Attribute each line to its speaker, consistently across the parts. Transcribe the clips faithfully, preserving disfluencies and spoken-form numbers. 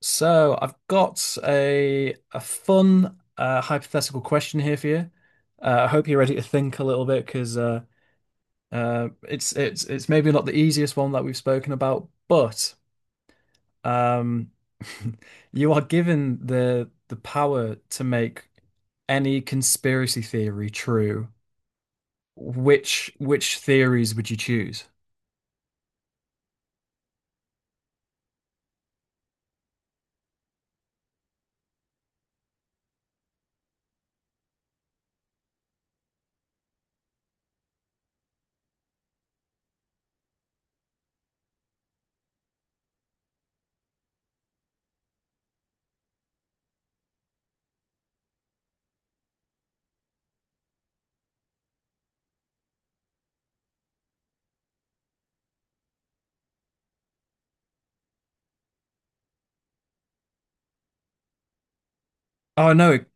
Speaker 1: So I've got a a fun uh, hypothetical question here for you. Uh, I hope you're ready to think a little bit because uh, uh, it's it's it's maybe not the easiest one that we've spoken about, but um, you are given the the power to make any conspiracy theory true. Which which theories would you choose? Oh no, it,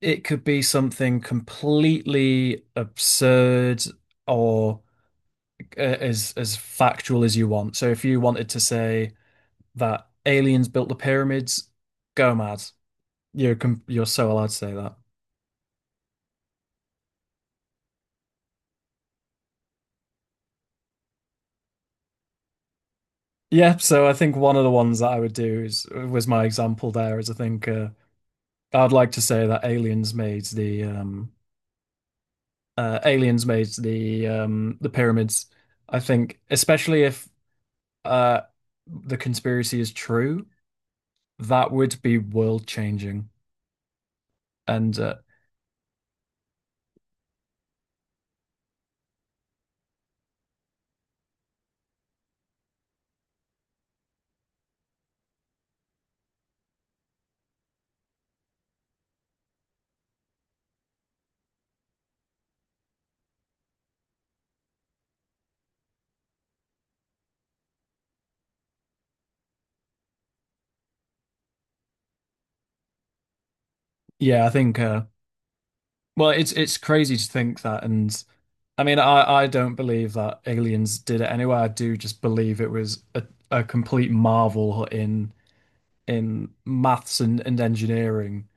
Speaker 1: it could be something completely absurd or. as as factual as you want. So if you wanted to say that aliens built the pyramids, go mad. You're com you're so allowed to say that. Yeah, so I think one of the ones that I would do is was my example there, is I think uh, I'd like to say that aliens made the um uh, aliens made the um the pyramids. I think especially if uh the conspiracy is true, that would be world changing. And uh, yeah, I think uh well, it's it's crazy to think that, and I mean, I I don't believe that aliens did it anyway. I do just believe it was a, a complete marvel in in maths and, and engineering.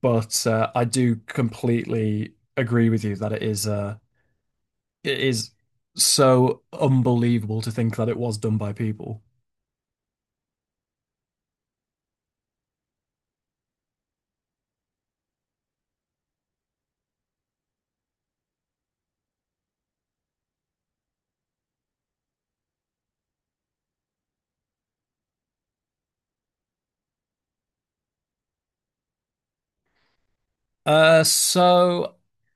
Speaker 1: But uh, I do completely agree with you that it is uh it is so unbelievable to think that it was done by people. Uh, so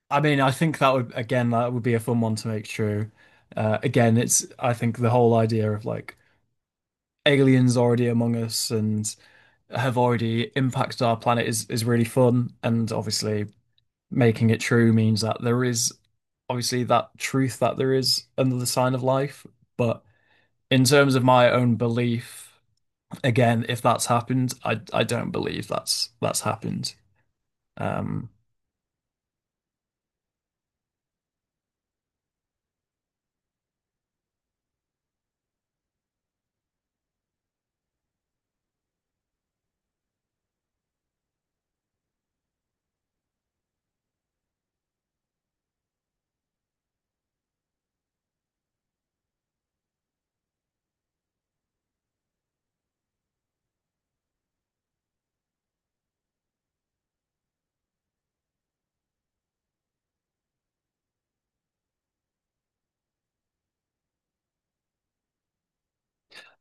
Speaker 1: I mean, I think that would, again, that would be a fun one to make true. Uh, again, it's, I think the whole idea of like aliens already among us and have already impacted our planet is is really fun. And obviously, making it true means that there is, obviously, that truth that there is another sign of life. But in terms of my own belief, again, if that's happened, I I don't believe that's that's happened. Um,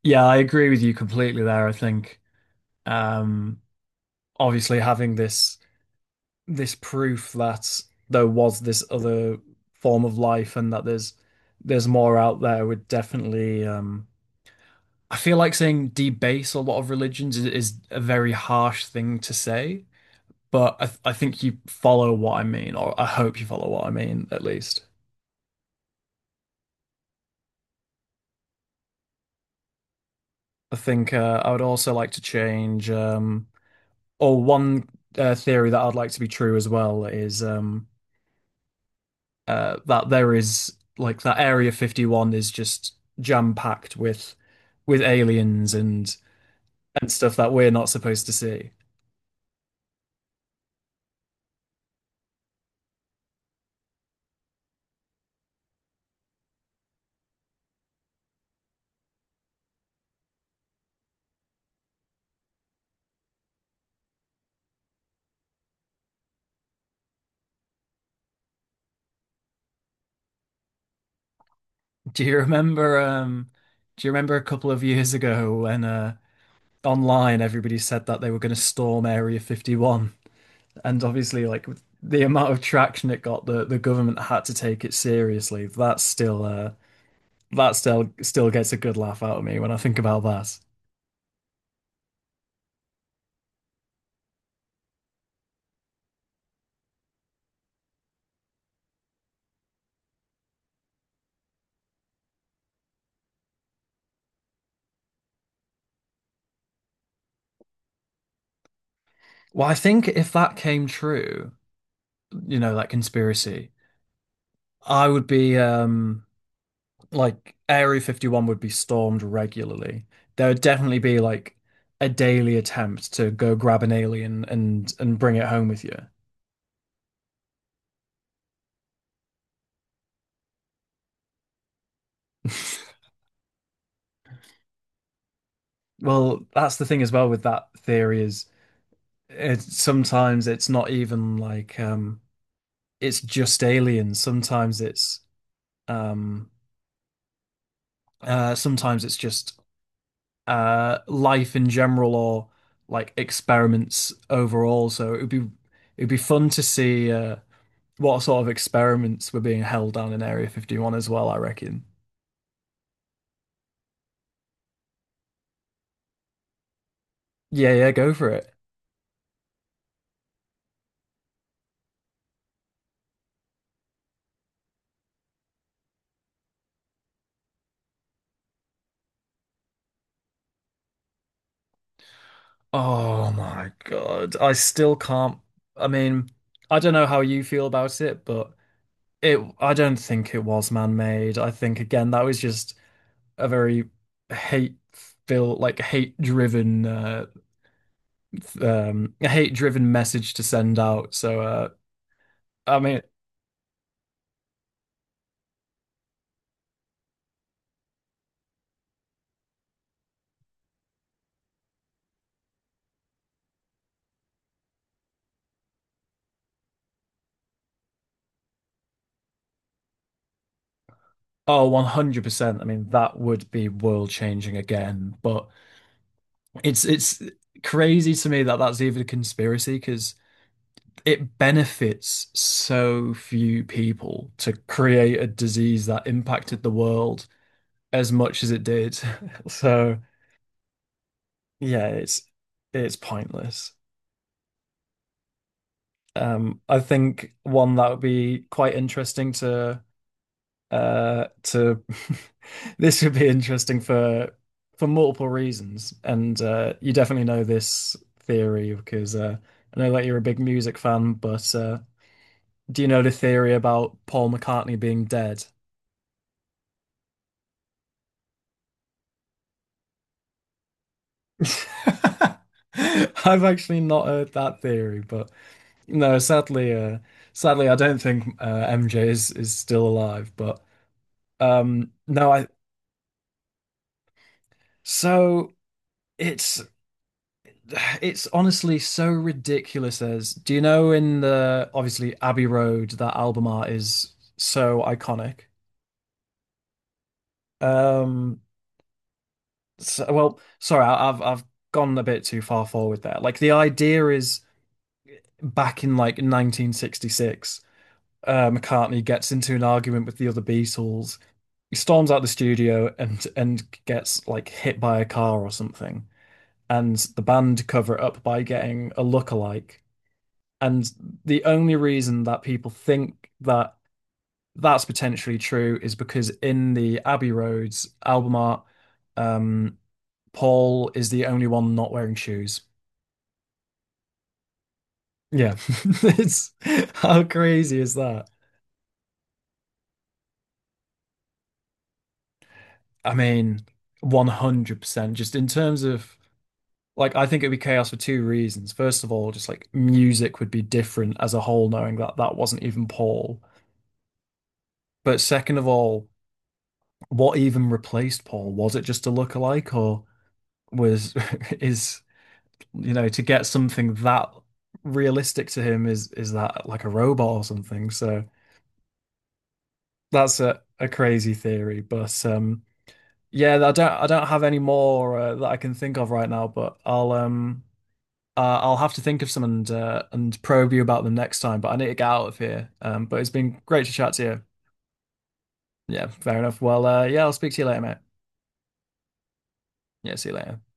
Speaker 1: yeah, I agree with you completely there, I think. Um, Obviously, having this this proof that there was this other form of life and that there's there's more out there would definitely, um I feel like saying debase a lot of religions is, is a very harsh thing to say, but I, th I think you follow what I mean, or I hope you follow what I mean at least. I think uh, I would also like to change um or one uh, theory that I'd like to be true as well is um uh, that there is, like, that Area fifty-one is just jam packed with with aliens and and stuff that we're not supposed to see. Do you remember um do you remember a couple of years ago when uh online everybody said that they were going to storm Area fifty-one, and obviously, like, with the amount of traction it got, the the government had to take it seriously. That's still uh that still still gets a good laugh out of me when I think about that. Well, I think if that came true, you know, like, conspiracy. I would be, um like, Area fifty-one would be stormed regularly. There would definitely be, like, a daily attempt to go grab an alien and and bring it home with you. Well, that's the thing as well with that theory is it's, sometimes it's not even like, um it's just aliens. Sometimes it's um uh Sometimes it's just uh life in general, or like experiments overall. So it would be, it'd be fun to see uh what sort of experiments were being held down in Area fifty-one as well, I reckon. Yeah, yeah, go for it. Oh my God. I still can't, I mean, I don't know how you feel about it, but it, I don't think it was man-made. I think, again, that was just a very hate filled like hate driven uh um hate driven message to send out. So uh I mean, oh, one hundred percent. I mean, that would be world changing again. But it's it's crazy to me that that's even a conspiracy, because it benefits so few people to create a disease that impacted the world as much as it did. So, yeah, it's it's pointless. Um, I think one that would be quite interesting to uh to this would be interesting for for multiple reasons, and uh you definitely know this theory because uh I know that you're a big music fan, but uh do you know the theory about Paul McCartney being dead? I've actually not heard that theory, but no, sadly, uh sadly I don't think uh, M J is is still alive, but um no, I so it's It's honestly so ridiculous. As, do you know, in the, obviously, Abbey Road, that album art is so iconic. Um so, well, sorry, I- I've I've gone a bit too far forward there. Like, the idea is back in like nineteen sixty-six, uh McCartney gets into an argument with the other Beatles. He storms out the studio and and gets, like, hit by a car or something, and the band cover it up by getting a lookalike. And the only reason that people think that that's potentially true is because in the Abbey Roads album art, um, Paul is the only one not wearing shoes. Yeah. It's, how crazy is that? I mean, one hundred percent. Just in terms of, like, I think it would be chaos for two reasons. First of all, just like music would be different as a whole, knowing that that wasn't even Paul. But second of all, what even replaced Paul? Was it just a lookalike, or was is you know, to get something that realistic to him is is that like a robot or something? So that's a, a crazy theory, but um yeah, I don't I don't have any more uh, that I can think of right now, but I'll um uh, I'll have to think of some and uh, and probe you about them next time, but I need to get out of here, um but it's been great to chat to you. Yeah, fair enough, well, uh yeah, I'll speak to you later, mate. Yeah, see you later.